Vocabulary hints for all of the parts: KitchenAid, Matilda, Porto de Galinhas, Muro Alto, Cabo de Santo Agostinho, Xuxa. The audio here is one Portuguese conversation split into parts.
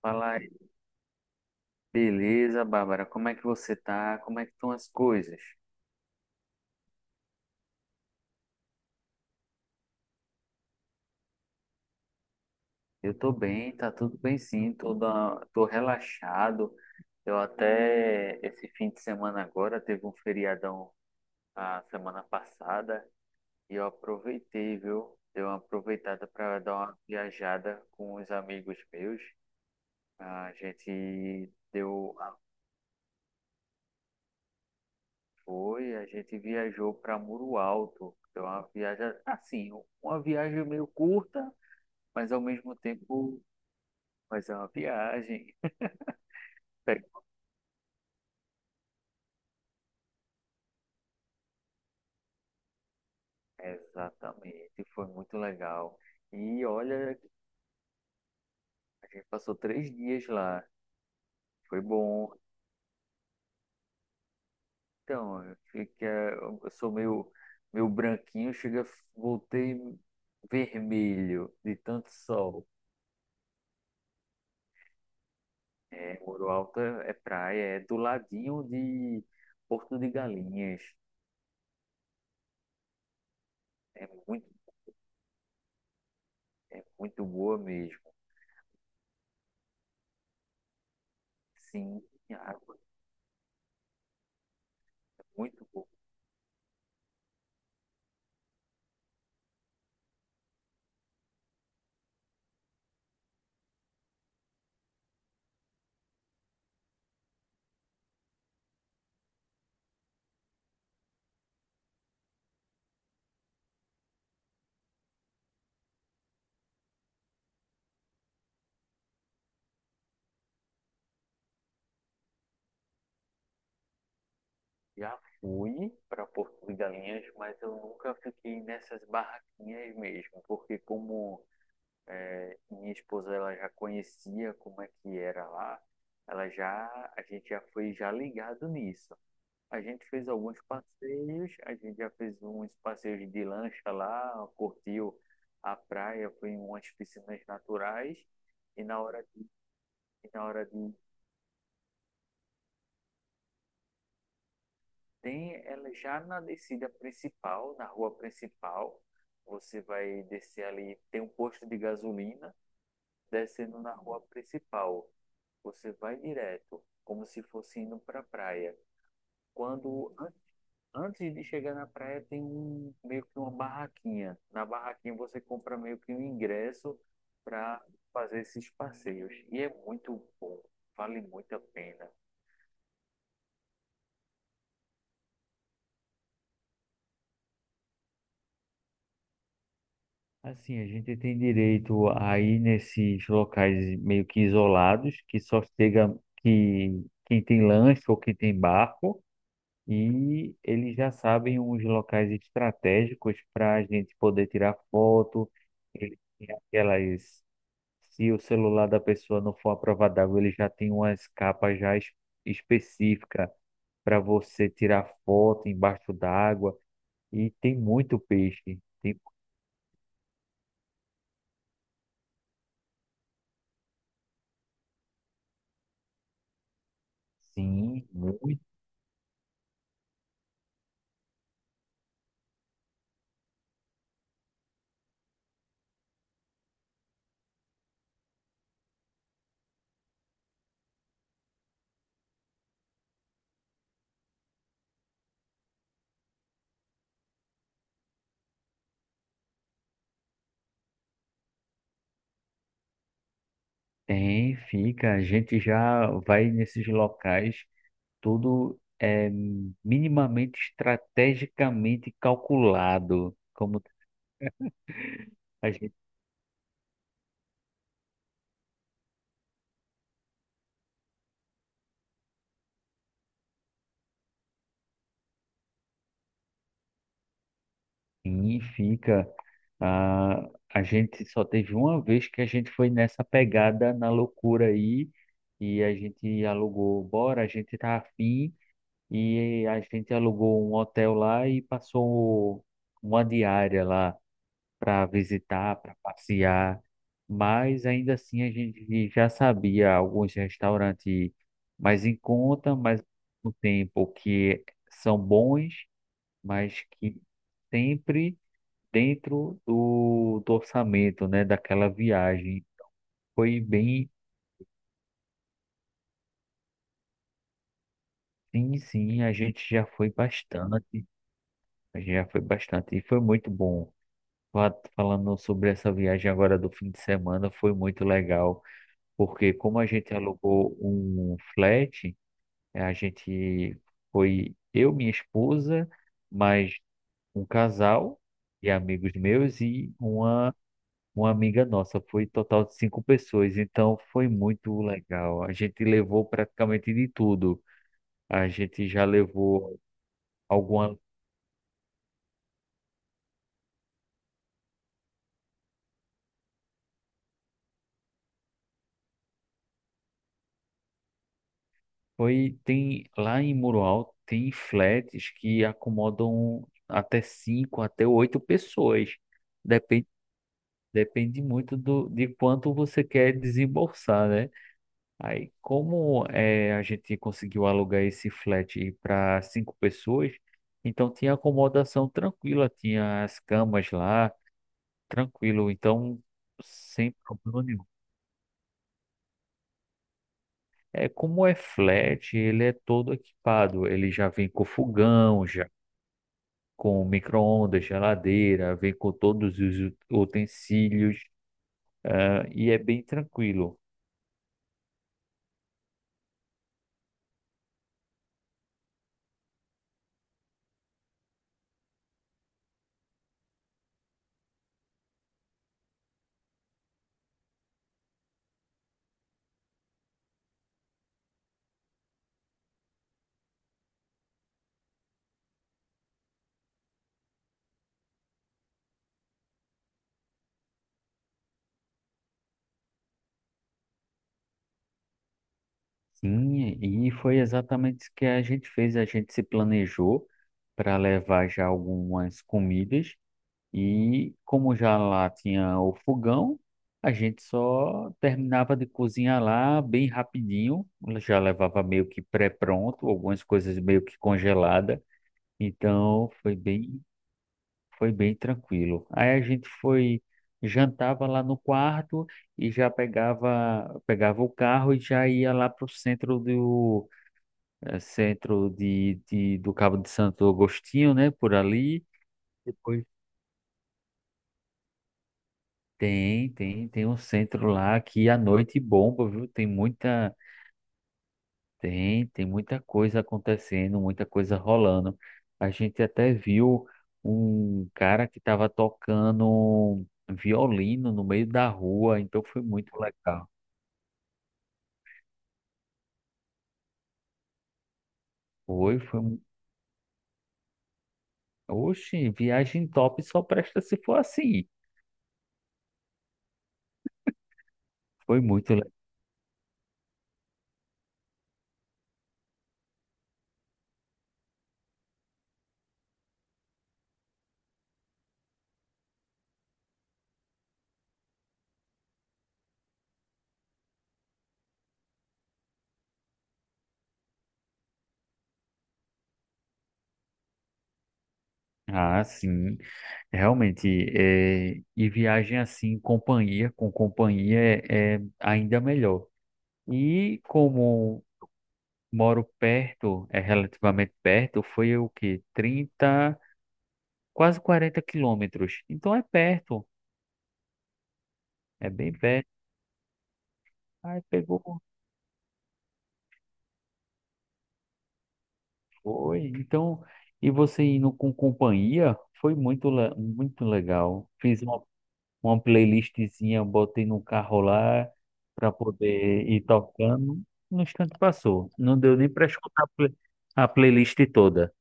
Fala aí. Beleza, Bárbara, como é que você tá? Como é que estão as coisas? Eu tô bem, tá tudo bem sim, tô relaxado. Eu até, esse fim de semana agora, teve um feriadão a semana passada e eu aproveitei, viu? Dei uma aproveitada para dar uma viajada com os amigos meus. A gente deu, a gente viajou para Muro Alto. Deu uma viagem, assim, uma viagem meio curta, mas ao mesmo tempo fazer uma viagem. Pe- Exatamente, foi muito legal. E olha, a gente passou 3 dias lá, foi bom. Então, eu, fiquei, eu sou meio branquinho, chega, voltei vermelho de tanto sol. É, Muro Alto é praia, é do ladinho de Porto de Galinhas. É muito, é muito boa mesmo. Sim, a água é muito boa. Já fui para Porto de Galinhas, mas eu nunca fiquei nessas barraquinhas mesmo, porque como minha esposa ela já conhecia como é que era lá, ela já a gente já foi já ligado nisso. A gente fez alguns passeios, a gente já fez uns passeios de lancha lá, curtiu a praia, foi em umas piscinas naturais e na hora e na hora de Tem ela já na descida principal, na rua principal, você vai descer ali, tem um posto de gasolina, descendo na rua principal. Você vai direto, como se fosse indo para a praia. Quando an- Antes de chegar na praia tem um meio que uma barraquinha. Na barraquinha você compra meio que um ingresso para fazer esses passeios e é muito bom, vale muito a pena. Assim, a gente tem direito a ir nesses locais meio que isolados, que só chega que quem tem lanche ou quem tem barco, e eles já sabem uns locais estratégicos para a gente poder tirar foto. Ele tem aquelas, se o celular da pessoa não for à prova d'água, ele já tem umas capas já específicas para você tirar foto embaixo d'água. E tem muito peixe. Tem, sim, muito. Tem, fica. A gente já vai nesses locais, tudo é minimamente estrategicamente calculado. Como a gente... Sim, fica. Ah, a gente só teve uma vez que a gente foi nessa pegada na loucura aí e a gente alugou, bora, a gente tá afim e a gente alugou um hotel lá e passou uma diária lá. Para visitar, para passear, mas ainda assim a gente já sabia alguns restaurantes mais em conta, mas no tempo que são bons, mas que sempre dentro do orçamento, né, daquela viagem. Foi bem, sim, sim, a gente já foi bastante, a gente já foi bastante e foi muito bom. Falando sobre essa viagem agora do fim de semana, foi muito legal. Porque como a gente alugou um flat, a gente foi eu, minha esposa, mais um casal e amigos meus e uma amiga nossa. Foi total de cinco pessoas, então foi muito legal. A gente levou praticamente de tudo. A gente já levou alguma. Foi, tem lá em Muro Alto, tem flats que acomodam até cinco, até oito pessoas. Depende muito do, de quanto você quer desembolsar, né? Aí, como é, a gente conseguiu alugar esse flat para cinco pessoas, então tinha acomodação tranquila, tinha as camas lá, tranquilo, então sem problema nenhum. É, como é flat, ele é todo equipado, ele já vem com fogão, já com micro-ondas, geladeira, vem com todos os utensílios, ah, e é bem tranquilo. Sim, e foi exatamente isso que a gente fez. A gente se planejou para levar já algumas comidas e como já lá tinha o fogão, a gente só terminava de cozinhar lá bem rapidinho. Já levava meio que pré-pronto, algumas coisas meio que congelada. Então foi bem tranquilo. Aí a gente foi jantava lá no quarto e já pegava o carro e já ia lá para o centro do do Cabo de Santo Agostinho, né? Por ali. Depois tem um centro lá que à noite bomba, viu? Tem muita coisa acontecendo, muita coisa rolando. A gente até viu um cara que estava tocando violino no meio da rua, então foi muito legal. Foi, foi, oxe, viagem top só presta se for assim. Foi muito... Ah, sim. Realmente, é, e viagem assim, com companhia é ainda melhor. E como moro perto, é relativamente perto, foi o quê? 30, quase 40 km. Então é perto, é bem perto. Aí pegou, foi. Então, e você indo com companhia, foi muito, muito legal. Fiz uma playlistzinha, eu botei no carro lá para poder ir tocando. No instante passou. Não deu nem para escutar a playlist toda.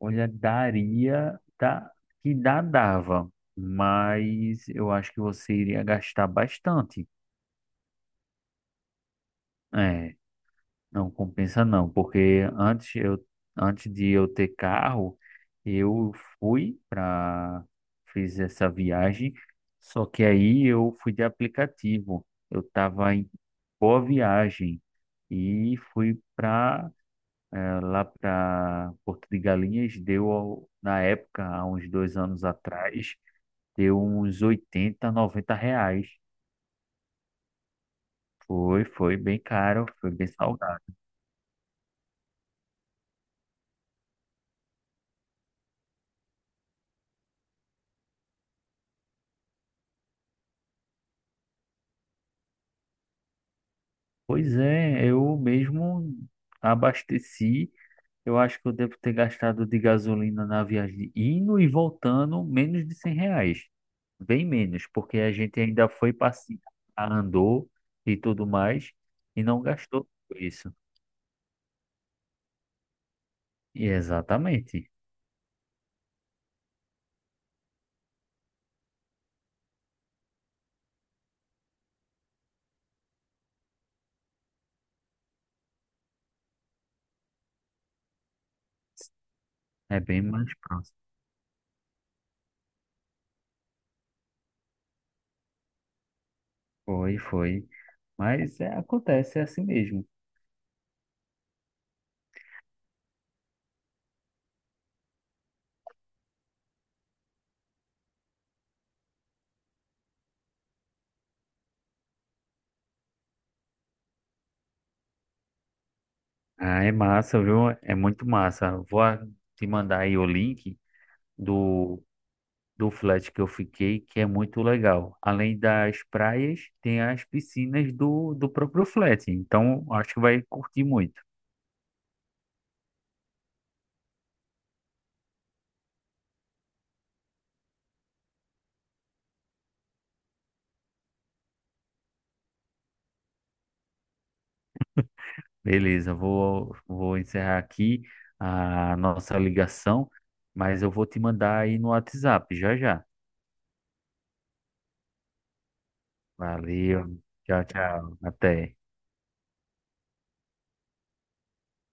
Olha, daria, tá, que dá, dava, mas eu acho que você iria gastar bastante. É, não compensa não, porque antes de eu ter carro, eu fui para, fiz essa viagem, só que aí eu fui de aplicativo. Eu estava boa viagem e fui para lá para Porto de Galinhas, deu na época, há uns 2 anos atrás, deu uns 80 R$ 90. Foi bem caro, foi bem salgado. Pois é, eu mesmo abasteci. Eu acho que eu devo ter gastado de gasolina na viagem indo e voltando menos de R$ 100. Bem menos, porque a gente ainda foi passear, andou e tudo mais e não gastou tudo isso. E exatamente. É bem mais próximo. Foi, foi. Mas é, acontece, é assim mesmo. Ah, é massa, viu? É muito massa. Vou te mandar aí o link do do flat que eu fiquei, que é muito legal. Além das praias, tem as piscinas do próprio flat. Então, acho que vai curtir muito. Beleza, vou encerrar aqui a nossa ligação, mas eu vou te mandar aí no WhatsApp já já. Valeu, tchau, tchau, até.